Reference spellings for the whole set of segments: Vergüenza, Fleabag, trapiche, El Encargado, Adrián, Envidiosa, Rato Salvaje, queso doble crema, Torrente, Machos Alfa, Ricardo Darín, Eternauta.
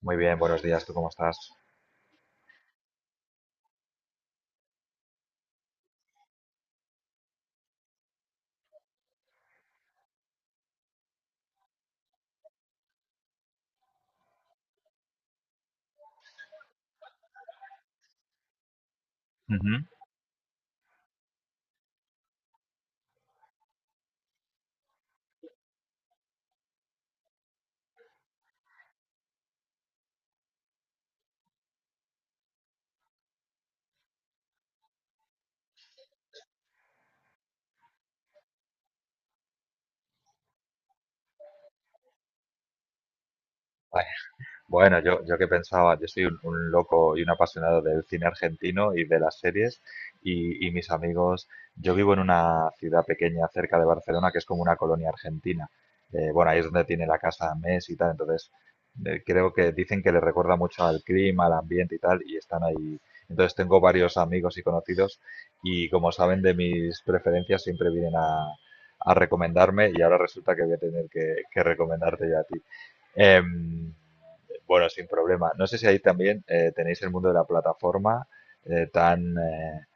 Muy bien, buenos días, ¿tú cómo estás? Ujú. Bueno, yo que pensaba, yo soy un loco y un apasionado del cine argentino y de las series y mis amigos, yo vivo en una ciudad pequeña cerca de Barcelona que es como una colonia argentina. Bueno, ahí es donde tiene la casa Messi y tal, entonces creo que dicen que le recuerda mucho al clima, al ambiente y tal, y están ahí. Entonces tengo varios amigos y conocidos y como saben de mis preferencias siempre vienen a recomendarme y ahora resulta que voy a tener que recomendarte yo a ti. Em, bueno, sin problema. No sé si ahí también tenéis el mundo de la plataforma eh, tan, eh,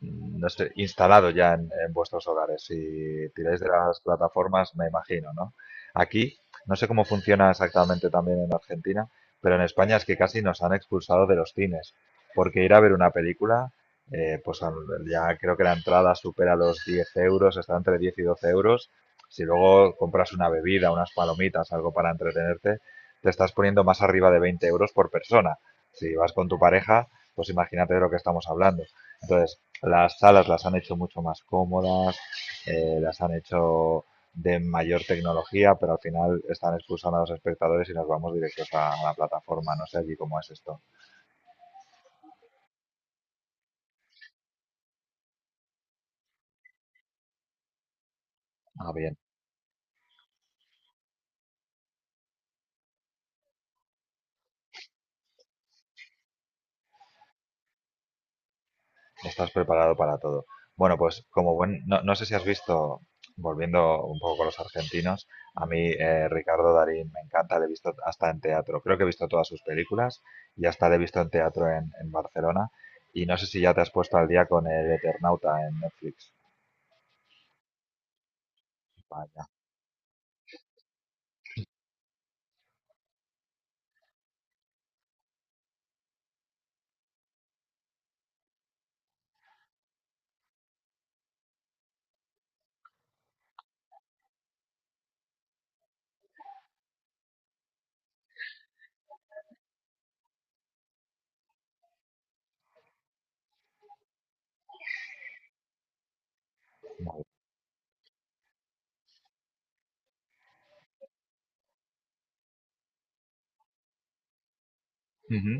no sé, instalado ya en vuestros hogares. Si tiráis de las plataformas, me imagino, ¿no? Aquí, no sé cómo funciona exactamente también en Argentina, pero en España es que casi nos han expulsado de los cines, porque ir a ver una película, pues ya creo que la entrada supera los 10 euros, está entre 10 y 12 euros. Si luego compras una bebida, unas palomitas, algo para entretenerte, te estás poniendo más arriba de 20 euros por persona. Si vas con tu pareja, pues imagínate de lo que estamos hablando. Entonces, las salas las han hecho mucho más cómodas, las han hecho de mayor tecnología, pero al final están expulsando a los espectadores y nos vamos directos a la plataforma. No sé allí cómo es esto. Ah, bien, estás preparado para todo. Bueno, pues como buen, no, no sé si has visto, volviendo un poco con los argentinos, a mí Ricardo Darín me encanta, le he visto hasta en teatro, creo que he visto todas sus películas y hasta le he visto en teatro en, Barcelona y no sé si ya te has puesto al día con el Eternauta en Netflix. Vaya. Vale. Ujú.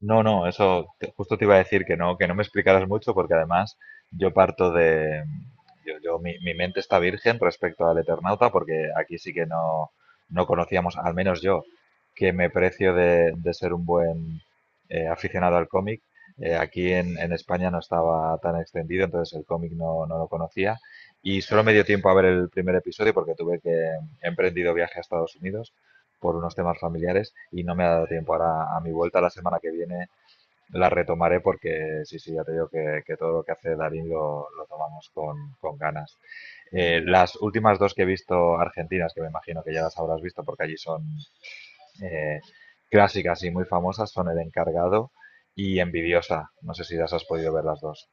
No, no, justo te iba a decir que no me explicaras mucho porque además yo parto de, yo- mi mente está virgen respecto al Eternauta porque aquí sí que no conocíamos, al menos yo, que me precio de ser un buen aficionado al cómic. Aquí en España no estaba tan extendido, entonces el cómic no lo conocía y solo me dio tiempo a ver el primer episodio porque tuve que he emprendido viaje a Estados Unidos por unos temas familiares y no me ha dado tiempo. Ahora, a mi vuelta la semana que viene, la retomaré porque sí, sí, ya te digo que todo lo que hace Darín lo tomamos con ganas. Las últimas dos que he visto argentinas, que me imagino que ya las habrás visto porque allí son eh, clásicas y muy famosas, son El Encargado y Envidiosa. No sé si las has podido ver las dos.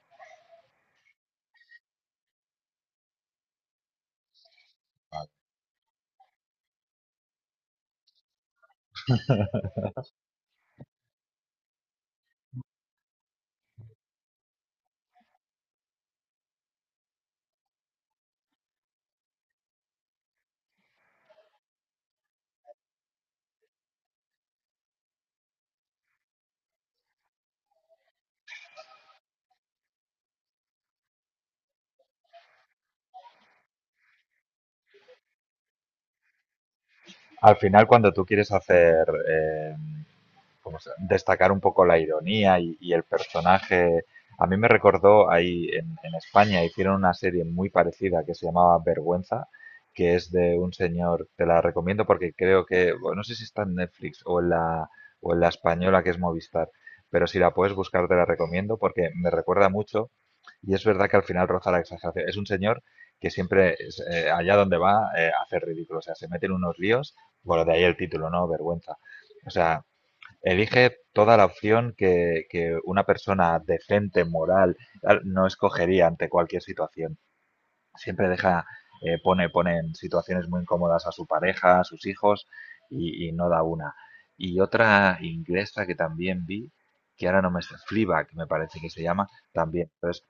Al final, cuando tú quieres hacer pues, destacar un poco la ironía y el personaje. A mí me recordó ahí en, España, hicieron una serie muy parecida que se llamaba Vergüenza, que es de un señor, te la recomiendo porque creo que, bueno, no sé si está en Netflix o en la española que es Movistar, pero si la puedes buscar te la recomiendo porque me recuerda mucho y es verdad que al final roza la exageración. Es un señor que siempre, allá donde va, hace ridículo, o sea, se mete en unos líos, bueno, de ahí el título, ¿no? Vergüenza. O sea, elige toda la opción que una persona decente, moral, tal, no escogería ante cualquier situación. Siempre deja, eh, pone, pone en situaciones muy incómodas a su pareja, a sus hijos y no da una. Y otra inglesa que también vi, que ahora no me está, Fleabag me parece que se llama, también. Entonces,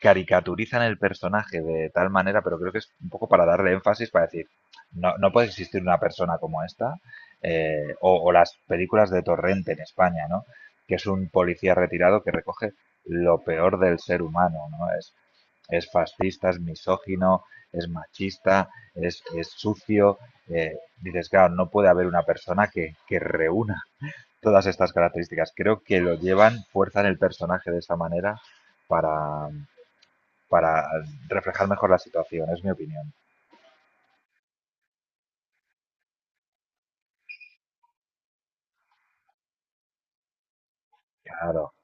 caricaturizan el personaje de tal manera, pero creo que es un poco para darle énfasis, para decir, no, puede existir una persona como esta, o las películas de Torrente en España, ¿no? Que es un policía retirado que recoge lo peor del ser humano, ¿no? Es fascista, es misógino, es machista, es sucio. Dices, claro, no puede haber una persona que reúna todas estas características. Creo que fuerzan el personaje de esa manera para, para reflejar mejor la situación, es mi opinión. Claro,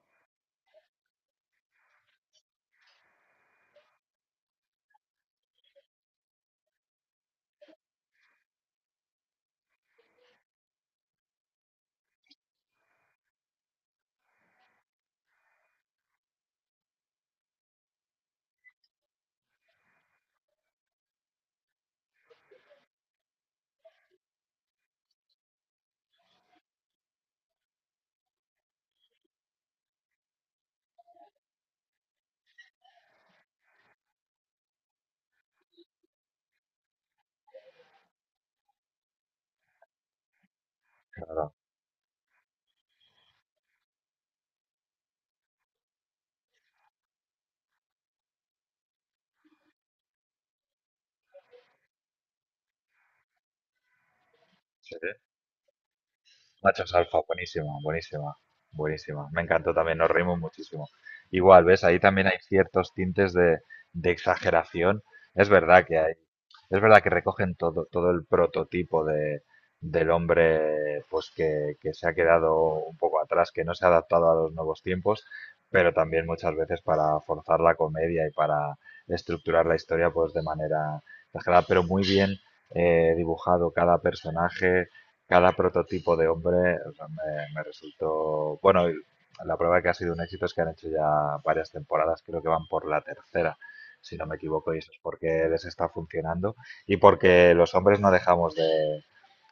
claro. Sí, Machos Alfa, buenísima, buenísima, buenísima. Me encantó también, nos reímos muchísimo. Igual, ¿ves? Ahí también hay ciertos tintes de exageración. Es verdad que hay, es verdad que recogen todo el prototipo del hombre pues que se ha quedado un poco atrás, que no se ha adaptado a los nuevos tiempos, pero también muchas veces para forzar la comedia y para estructurar la historia pues de manera exagerada, pero muy bien dibujado cada personaje, cada prototipo de hombre, o sea, me resultó. Bueno, y la prueba que ha sido un éxito es que han hecho ya varias temporadas, creo que van por la tercera, si no me equivoco, y eso es porque les está funcionando y porque los hombres no dejamos de,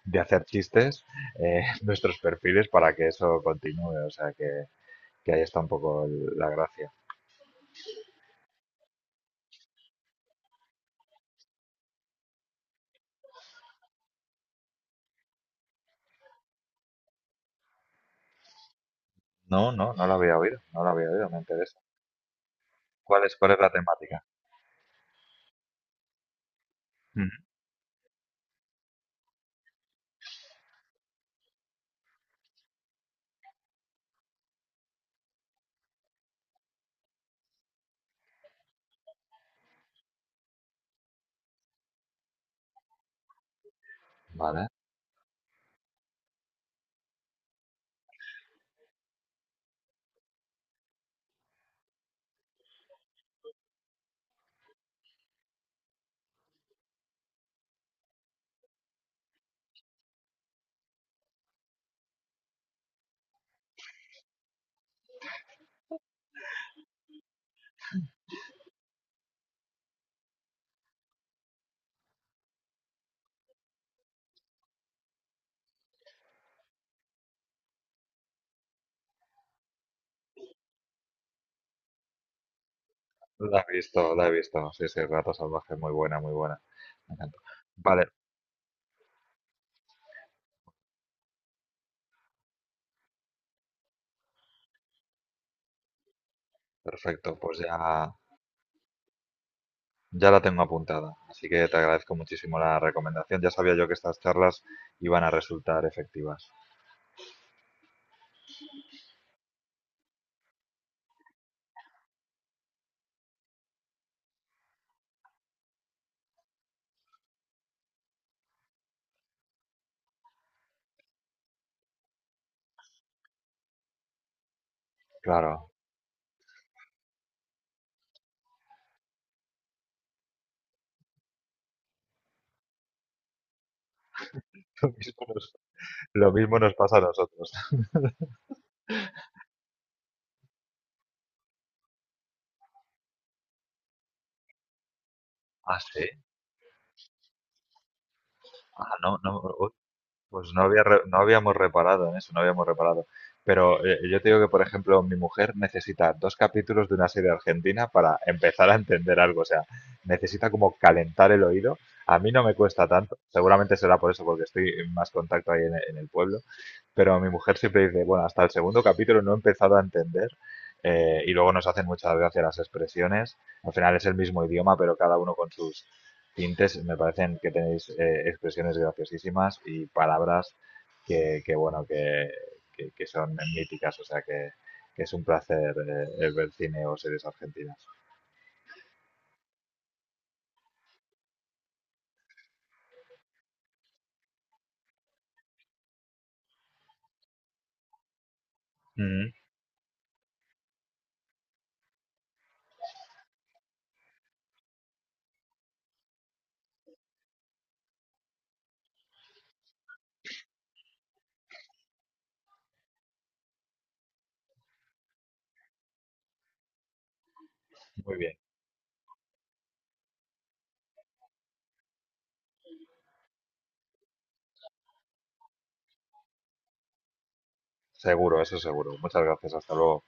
de hacer chistes en nuestros perfiles para que eso continúe, o sea que ahí está un poco la gracia. No, no, no lo había oído, no lo había oído, me interesa. ¿Cuál es la temática? Ujú. Vale. La he visto, la he visto. Sí, sí, Rato Salvaje, muy buena, muy buena. Me encantó. Vale, perfecto. Pues ya la tengo apuntada. Así que te agradezco muchísimo la recomendación. Ya sabía yo que estas charlas iban a resultar efectivas. Claro, lo mismo nos, lo mismo nos pasa a nosotros. Ah, sí. Ah, no, no. Pues no habíamos reparado en eso, no habíamos reparado. Pero yo te digo que, por ejemplo, mi mujer necesita dos capítulos de una serie argentina para empezar a entender algo. O sea, necesita como calentar el oído. A mí no me cuesta tanto. Seguramente será por eso, porque estoy en más contacto ahí en, el pueblo. Pero mi mujer siempre dice, bueno, hasta el segundo capítulo no he empezado a entender. Y luego nos hacen mucha gracia las expresiones. Al final es el mismo idioma, pero cada uno con sus tintes, me parecen que tenéis expresiones graciosísimas y palabras que, que bueno, que, que son míticas, o sea que es un placer ver cine o series argentinas. Ujú. Muy bien. Seguro, eso seguro. Muchas gracias, hasta luego.